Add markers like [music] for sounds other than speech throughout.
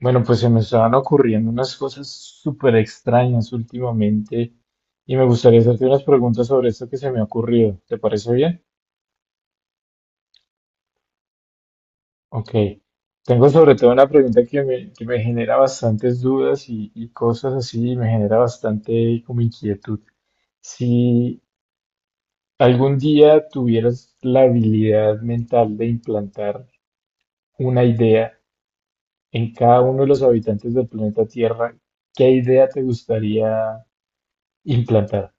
Bueno, pues se me estaban ocurriendo unas cosas súper extrañas últimamente y me gustaría hacerte unas preguntas sobre esto que se me ha ocurrido. ¿Te parece bien? Ok. Tengo sobre todo una pregunta que me genera bastantes dudas y cosas así, y me genera bastante como inquietud. Si algún día tuvieras la habilidad mental de implantar una idea en cada uno de los habitantes del planeta Tierra, ¿qué idea te gustaría implantar?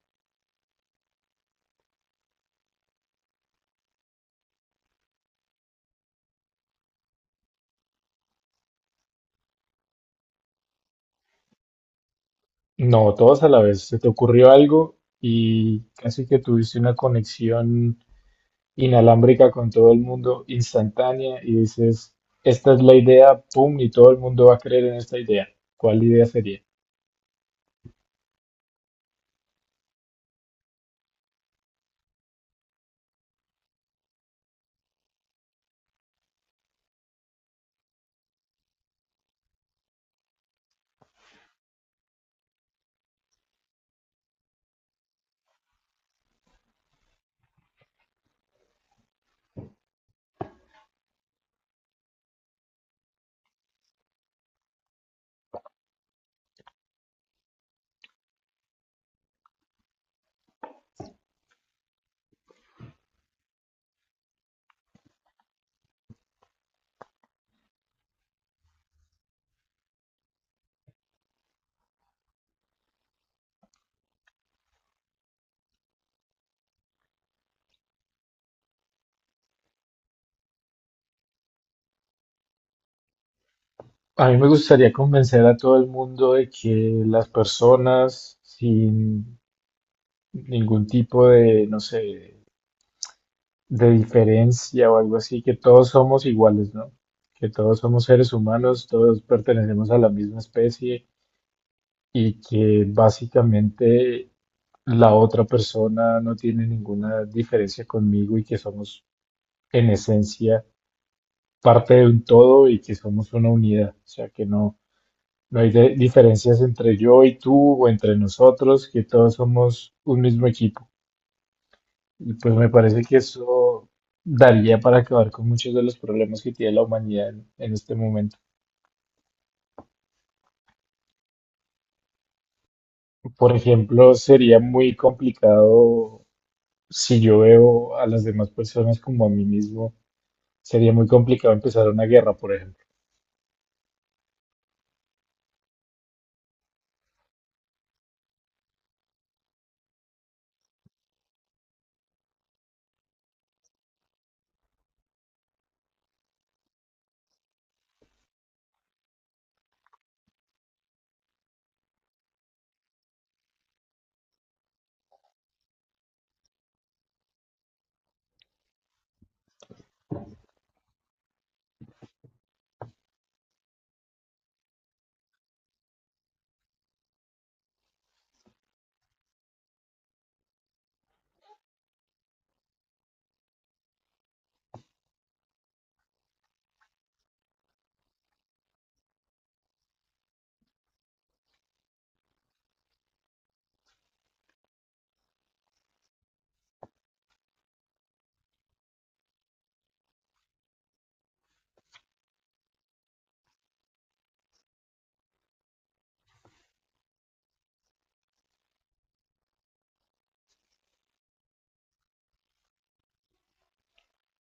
No, todos a la vez. Se te ocurrió algo y casi que tuviste una conexión inalámbrica con todo el mundo instantánea y dices, esta es la idea, pum, y todo el mundo va a creer en esta idea. ¿Cuál idea sería? A mí me gustaría convencer a todo el mundo de que las personas sin ningún tipo de, no sé, de diferencia o algo así, que todos somos iguales, ¿no? Que todos somos seres humanos, todos pertenecemos a la misma especie y que básicamente la otra persona no tiene ninguna diferencia conmigo y que somos en esencia parte de un todo y que somos una unidad, o sea que no, no hay diferencias entre yo y tú o entre nosotros, que todos somos un mismo equipo. Y pues me parece que eso daría para acabar con muchos de los problemas que tiene la humanidad en este momento. Por ejemplo, sería muy complicado si yo veo a las demás personas como a mí mismo. Sería muy complicado empezar una guerra, por ejemplo.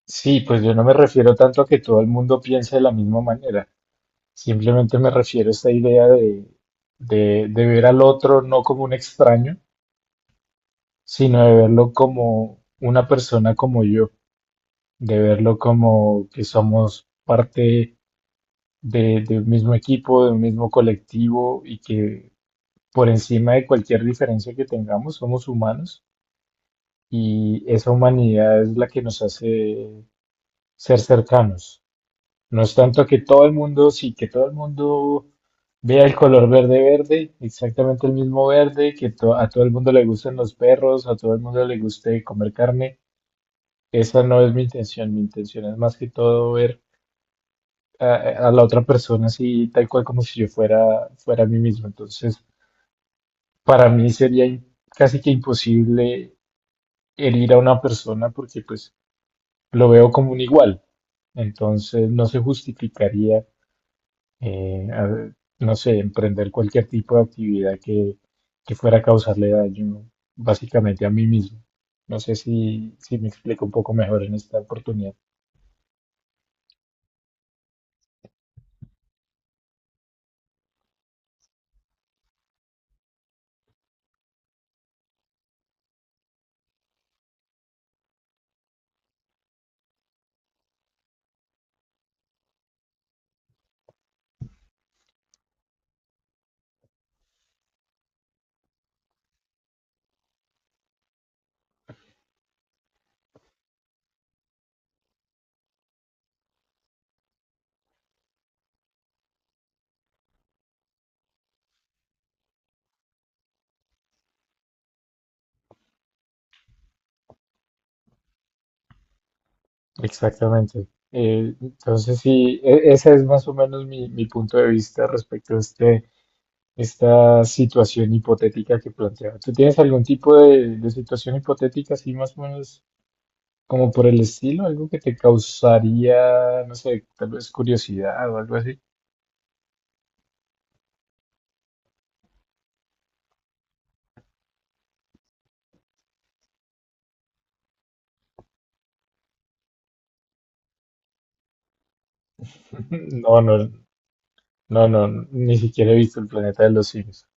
Sí, pues yo no me refiero tanto a que todo el mundo piense de la misma manera. Simplemente me refiero a esta idea de ver al otro no como un extraño, sino de verlo como una persona como yo, de verlo como que somos parte de un mismo equipo, de un mismo colectivo y que por encima de cualquier diferencia que tengamos somos humanos y esa humanidad es la que nos hace ser cercanos. No es tanto que todo el mundo, sí, que todo el mundo vea el color verde verde, exactamente el mismo verde, a todo el mundo le gusten los perros, a todo el mundo le guste comer carne. Esa no es mi intención es más que todo ver a, a la otra persona así, tal cual como si yo fuera, fuera a mí mismo. Entonces, para mí sería casi que imposible herir a una persona porque pues lo veo como un igual. Entonces, no se justificaría eh, a- no sé, emprender cualquier tipo de actividad que fuera a causarle daño básicamente a mí mismo. No sé si, si me explico un poco mejor en esta oportunidad. Exactamente. Entonces, sí, ese es más o menos mi, mi punto de vista respecto a este, esta situación hipotética que planteaba. ¿Tú tienes algún tipo de situación hipotética así más o menos como por el estilo? ¿Algo que te causaría, no sé, tal vez curiosidad o algo así? [laughs] No, no, no, no, ni siquiera he visto el planeta de los simios.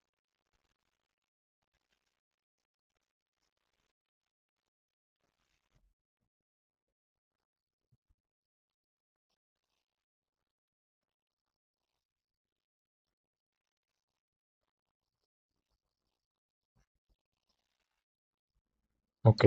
Ok,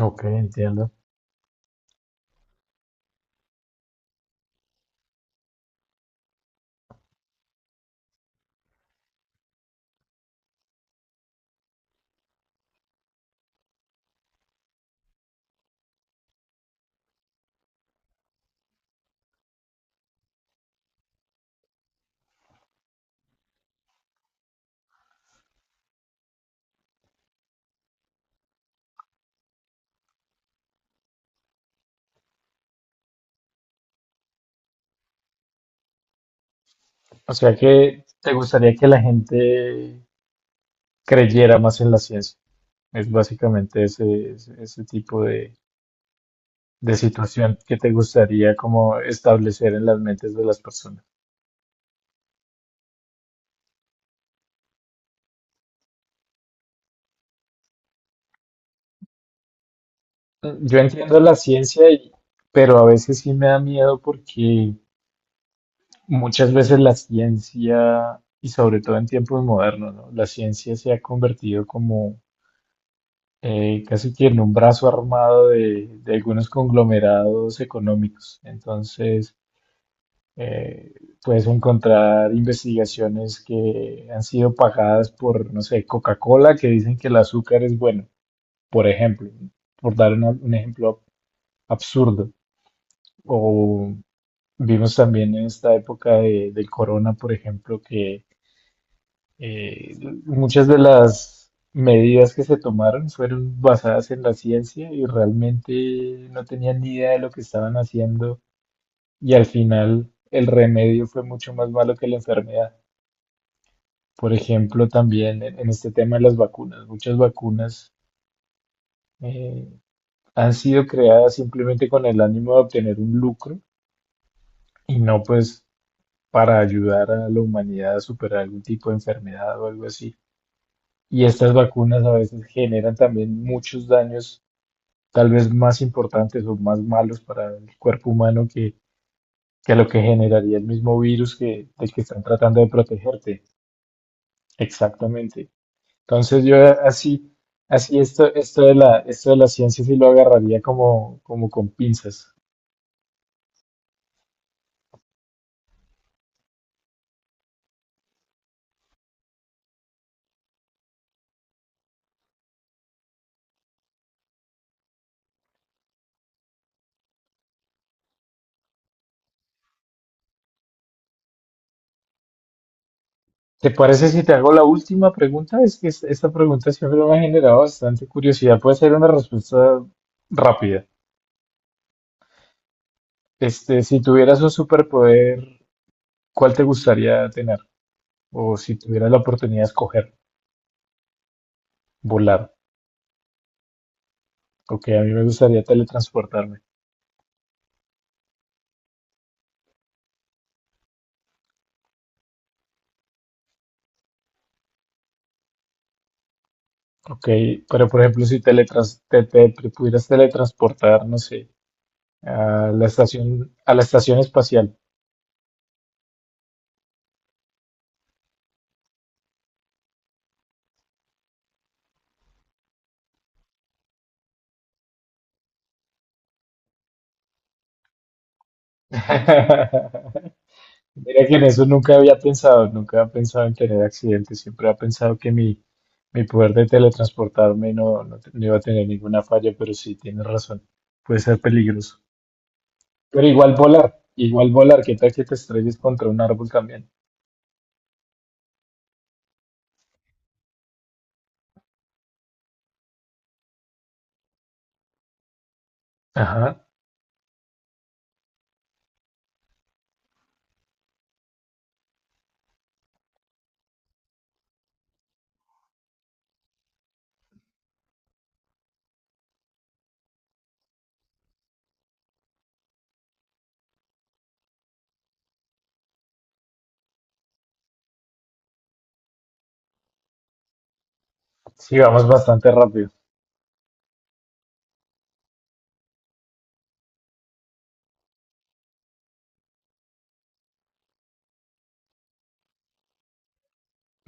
ok, entiendo. O sea que te gustaría que la gente creyera más en la ciencia. Es básicamente ese, ese, ese tipo de situación que te gustaría como establecer en las mentes de las personas. Mm, yo entiendo la ciencia, pero a veces sí me da miedo porque muchas veces la ciencia, y sobre todo en tiempos modernos, ¿no? La ciencia se ha convertido como casi tiene un brazo armado de algunos conglomerados económicos. Entonces, eh, puedes encontrar investigaciones que han sido pagadas por, no sé, Coca-Cola, que dicen que el azúcar es bueno, por ejemplo, por dar un ejemplo absurdo. O vimos también en esta época del corona, por ejemplo, que Eh, muchas de las medidas que se tomaron fueron basadas en la ciencia y realmente no tenían ni idea de lo que estaban haciendo y al final el remedio fue mucho más malo que la enfermedad. Por ejemplo, también en este tema de las vacunas, muchas vacunas eh, han sido creadas simplemente con el ánimo de obtener un lucro y no, pues, para ayudar a la humanidad a superar algún tipo de enfermedad o algo así. Y estas vacunas a veces generan también muchos daños tal vez más importantes o más malos para el cuerpo humano que lo que generaría el mismo virus del que están tratando de protegerte. Exactamente. Entonces yo así, así esto, esto de la ciencia sí lo agarraría como, como con pinzas. ¿Te parece si te hago la última pregunta? Es que esta pregunta siempre me ha generado bastante curiosidad. Puede ser una respuesta rápida. Este, si tuvieras un superpoder, ¿cuál te gustaría tener? O si tuvieras la oportunidad de escoger, volar. Ok, a mí me gustaría teletransportarme. Ok, pero por ejemplo, si te pudieras teletransportar, no sé, a la estación espacial. [laughs] Mira que en eso nunca había pensado, nunca había pensado en tener accidentes, siempre había pensado que mi poder de teletransportarme no iba a tener ninguna falla, pero sí, tienes razón, puede ser peligroso. Pero igual volar, ¿qué tal que te estrelles contra un árbol también? Ajá, sí, vamos bastante rápido.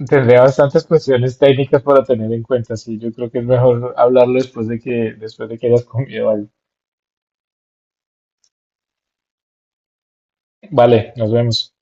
Tendría bastantes cuestiones técnicas para tener en cuenta, sí. Yo creo que es mejor hablarlo después de que hayas comido algo. Vale, nos vemos.